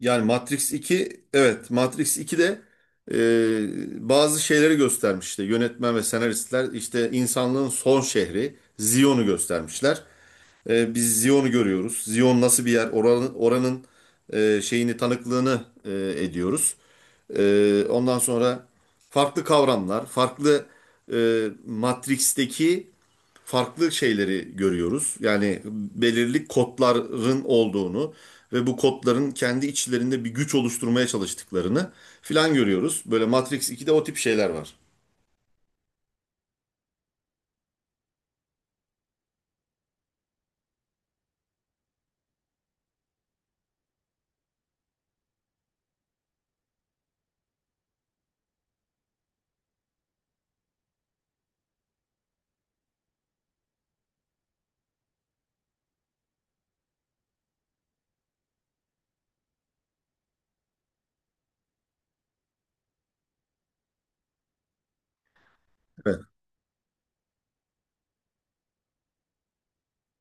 Yani Matrix 2, evet, Matrix 2 de bazı şeyleri göstermişti. Yönetmen ve senaristler işte insanlığın son şehri Zion'u göstermişler. Biz Zion'u görüyoruz. Zion nasıl bir yer? Oranın şeyini, tanıklığını ediyoruz. Ondan sonra farklı kavramlar, farklı Matrix'teki farklı şeyleri görüyoruz. Yani belirli kodların olduğunu ve bu kodların kendi içlerinde bir güç oluşturmaya çalıştıklarını filan görüyoruz. Böyle Matrix 2'de o tip şeyler var.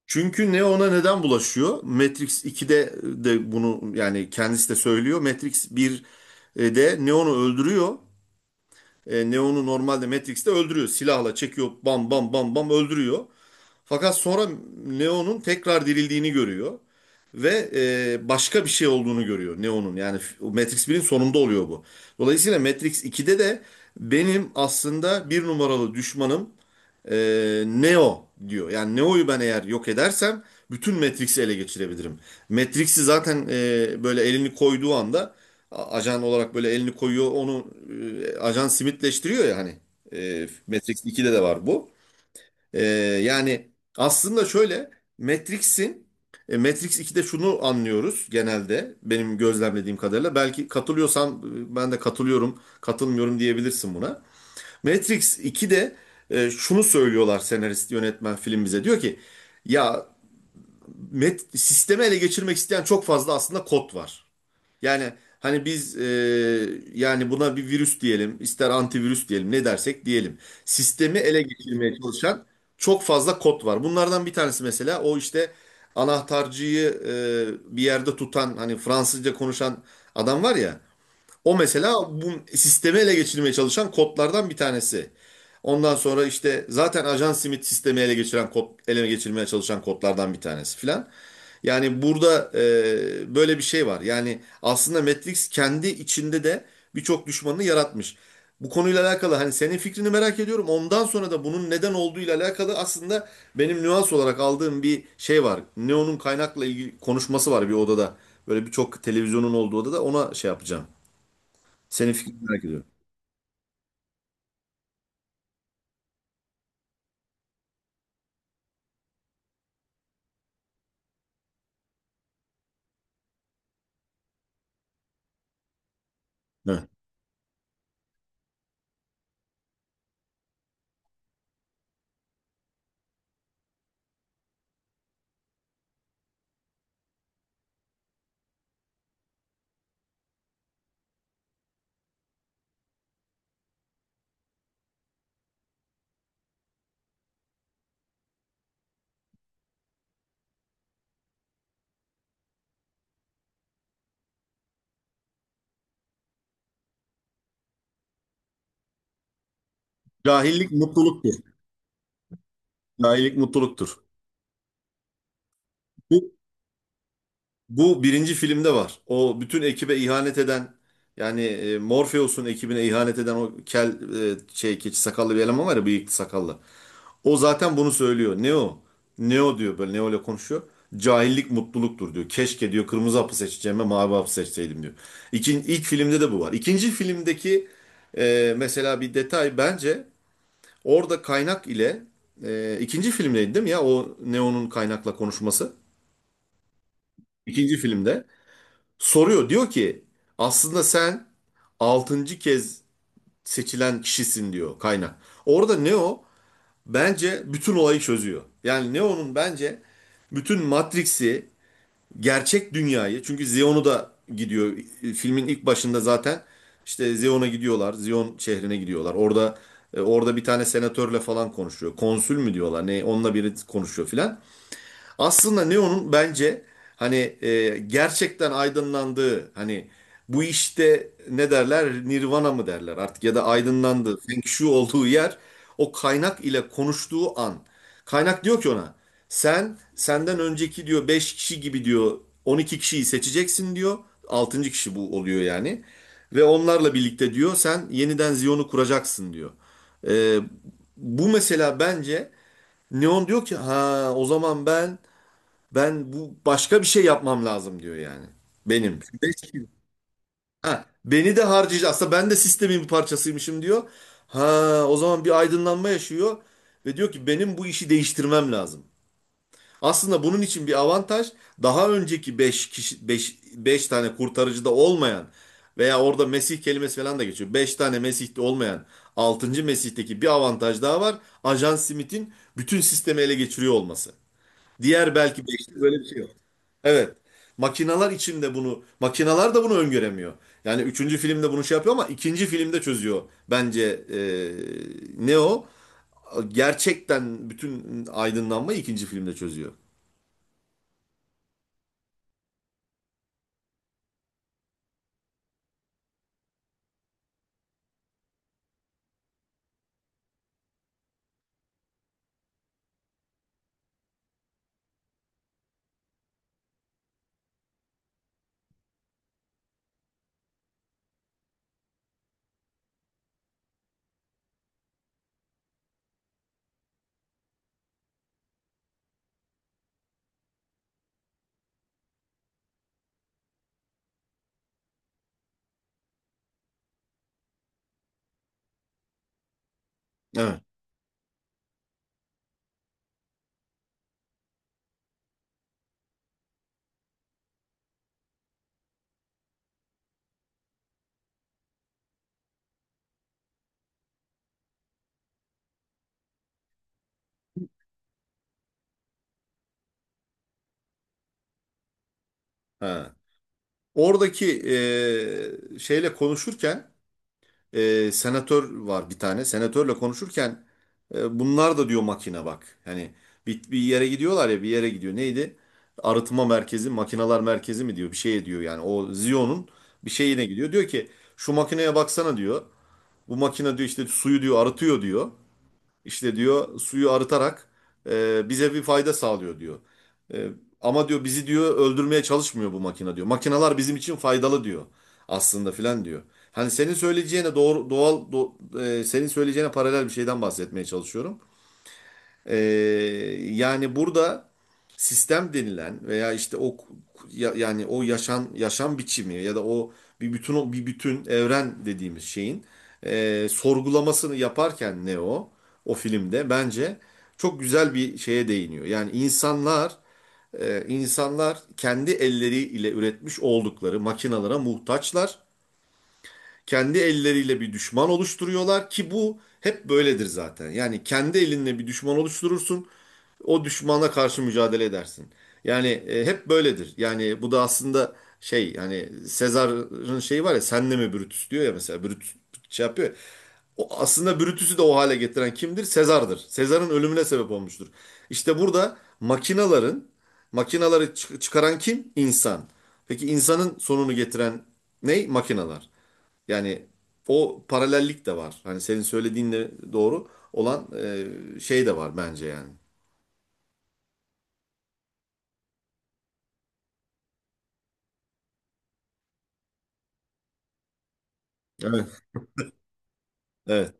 Çünkü ne, ona neden bulaşıyor? Matrix 2'de de bunu yani kendisi de söylüyor. Matrix 1 de Neo'nu öldürüyor. Neo'nu normalde Matrix'te öldürüyor. Silahla çekiyor, bam bam bam bam öldürüyor. Fakat sonra Neo'nun tekrar dirildiğini görüyor. Ve başka bir şey olduğunu görüyor Neo'nun. Yani Matrix 1'in sonunda oluyor bu. Dolayısıyla Matrix 2'de de benim aslında bir numaralı düşmanım Neo diyor. Yani Neo'yu ben eğer yok edersem bütün Matrix'i ele geçirebilirim. Matrix'i zaten böyle elini koyduğu anda, ajan olarak böyle elini koyuyor, onu ajan simitleştiriyor ya hani. Matrix 2'de de var bu. E, yani aslında şöyle, Matrix'in Matrix 2'de şunu anlıyoruz, genelde benim gözlemlediğim kadarıyla. Belki katılıyorsan ben de katılıyorum, katılmıyorum diyebilirsin buna. Matrix 2'de şunu söylüyorlar senarist, yönetmen, film bize. Diyor ki ya sistemi ele geçirmek isteyen çok fazla aslında kod var. Yani hani biz yani buna bir virüs diyelim, ister antivirüs diyelim, ne dersek diyelim. Sistemi ele geçirmeye çalışan çok fazla kod var. Bunlardan bir tanesi mesela o işte anahtarcıyı bir yerde tutan hani Fransızca konuşan adam var ya. O mesela bu sistemi ele geçirmeye çalışan kodlardan bir tanesi. Ondan sonra işte zaten ajan simit sistemi ele geçiren kod, ele geçirmeye çalışan kodlardan bir tanesi filan. Yani burada böyle bir şey var. Yani aslında Matrix kendi içinde de birçok düşmanını yaratmış. Bu konuyla alakalı hani senin fikrini merak ediyorum. Ondan sonra da bunun neden olduğuyla alakalı aslında benim nüans olarak aldığım bir şey var. Neo'nun kaynakla ilgili konuşması var bir odada. Böyle birçok televizyonun olduğu odada ona şey yapacağım. Senin fikrini merak ediyorum. Heh. Cahillik mutluluktur. Cahillik mutluluktur. Bu, bu birinci filmde var. O bütün ekibe ihanet eden, yani Morpheus'un ekibine ihanet eden o kel şey, keçi sakallı bir eleman var ya, bıyıklı sakallı. O zaten bunu söylüyor. Neo. Neo diyor, böyle Neo ile konuşuyor. Cahillik mutluluktur diyor. Keşke diyor kırmızı hapı seçeceğime mavi hapı seçseydim diyor. İkin, ilk filmde de bu var. İkinci filmdeki mesela bir detay bence, orada kaynak ile, ikinci filmdeydi değil mi ya o Neo'nun kaynakla konuşması? İkinci filmde soruyor, diyor ki aslında sen altıncı kez seçilen kişisin diyor kaynak. Orada Neo bence bütün olayı çözüyor. Yani Neo'nun bence bütün Matrix'i, gerçek dünyayı, çünkü Zion'u da gidiyor. Filmin ilk başında zaten işte Zion'a gidiyorlar. Zion şehrine gidiyorlar. Orada orada bir tane senatörle falan konuşuyor. Konsül mü diyorlar ne, onunla biri konuşuyor filan. Aslında Neo'nun bence hani gerçekten aydınlandığı, hani bu işte ne derler, Nirvana mı derler artık ya da aydınlandığı, Feng Shui olduğu yer o kaynak ile konuştuğu an. Kaynak diyor ki ona sen senden önceki diyor 5 kişi gibi diyor 12 kişiyi seçeceksin diyor. Altıncı kişi bu oluyor yani. Ve onlarla birlikte diyor sen yeniden Ziyon'u kuracaksın diyor. E, bu mesela bence, Neon diyor ki ha o zaman ben bu başka bir şey yapmam lazım diyor yani. Benim. 5 kilo. Ha, beni de harcayacak. Aslında ben de sistemin bir parçasıymışım diyor. Ha, o zaman bir aydınlanma yaşıyor ve diyor ki benim bu işi değiştirmem lazım. Aslında bunun için bir avantaj, daha önceki 5 kişi, beş tane kurtarıcıda olmayan veya orada Mesih kelimesi falan da geçiyor. Beş tane Mesih'te olmayan, altıncı Mesih'teki bir avantaj daha var. Ajan Smith'in bütün sistemi ele geçiriyor olması. Diğer belki 5'te böyle bir şey. Evet. Makinalar içinde bunu, makinalar da bunu öngöremiyor. Yani üçüncü filmde bunu şey yapıyor ama ikinci filmde çözüyor bence Neo. Gerçekten bütün aydınlanmayı ikinci filmde çözüyor. Evet. Ha. Oradaki şeyle konuşurken senatör var bir tane. Senatörle konuşurken bunlar da diyor makine bak. Yani bir yere gidiyorlar ya, bir yere gidiyor. Neydi? Arıtma merkezi, makinalar merkezi mi diyor bir şey diyor yani. O Zion'un bir şeyine gidiyor. Diyor ki şu makineye baksana diyor. Bu makine diyor işte suyu diyor arıtıyor diyor. İşte diyor suyu arıtarak bize bir fayda sağlıyor diyor. E, ama diyor bizi diyor öldürmeye çalışmıyor bu makine diyor. Makineler bizim için faydalı diyor aslında filan diyor. Hani senin söyleyeceğine doğru senin söyleyeceğine paralel bir şeyden bahsetmeye çalışıyorum. E, yani burada sistem denilen veya işte o yani o yaşam biçimi ya da o bir bütün evren dediğimiz şeyin sorgulamasını yaparken Neo o filmde bence çok güzel bir şeye değiniyor. Yani insanlar kendi elleriyle üretmiş oldukları makinalara muhtaçlar. Kendi elleriyle bir düşman oluşturuyorlar ki bu hep böyledir zaten. Yani kendi elinle bir düşman oluşturursun, o düşmana karşı mücadele edersin. Yani hep böyledir. Yani bu da aslında şey, yani Sezar'ın şeyi var ya, senle mi Brutus diyor ya mesela, Brutus şey yapıyor ya. O aslında Brutus'u da o hale getiren kimdir? Sezar'dır. Sezar'ın ölümüne sebep olmuştur. İşte burada makinaları çıkaran kim? İnsan. Peki insanın sonunu getiren ne? Makinalar. Yani o paralellik de var. Hani senin söylediğinle doğru olan şey de var bence yani. Evet. Evet.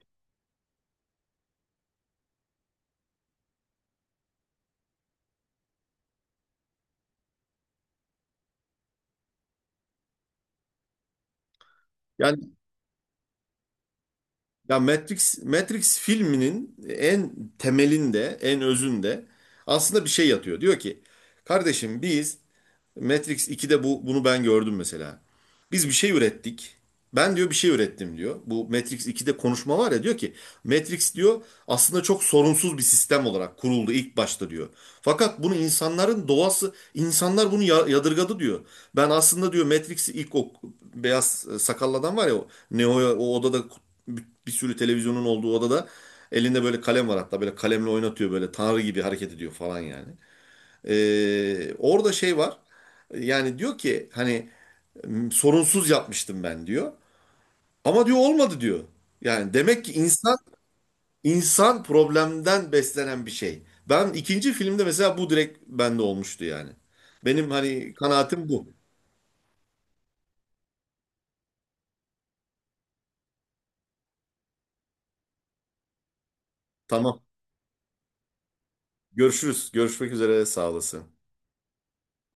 Yani ya Matrix filminin en temelinde, en özünde aslında bir şey yatıyor. Diyor ki, kardeşim biz Matrix 2'de bunu ben gördüm mesela. Biz bir şey ürettik. Ben diyor bir şey ürettim diyor. Bu Matrix 2'de konuşma var ya, diyor ki Matrix diyor aslında çok sorunsuz bir sistem olarak kuruldu ilk başta diyor. Fakat bunu insanların doğası, insanlar bunu yadırgadı diyor. Ben aslında diyor Matrix'i ilk, o beyaz sakallı adam var ya, o Neo'ya o odada, bir sürü televizyonun olduğu odada elinde böyle kalem var, hatta böyle kalemle oynatıyor, böyle tanrı gibi hareket ediyor falan yani. Orada şey var. Yani diyor ki hani sorunsuz yapmıştım ben diyor. Ama diyor olmadı diyor. Yani demek ki insan problemden beslenen bir şey. Ben ikinci filmde mesela bu direkt bende olmuştu yani. Benim hani kanaatim bu. Tamam. Görüşürüz. Görüşmek üzere. Sağ olasın.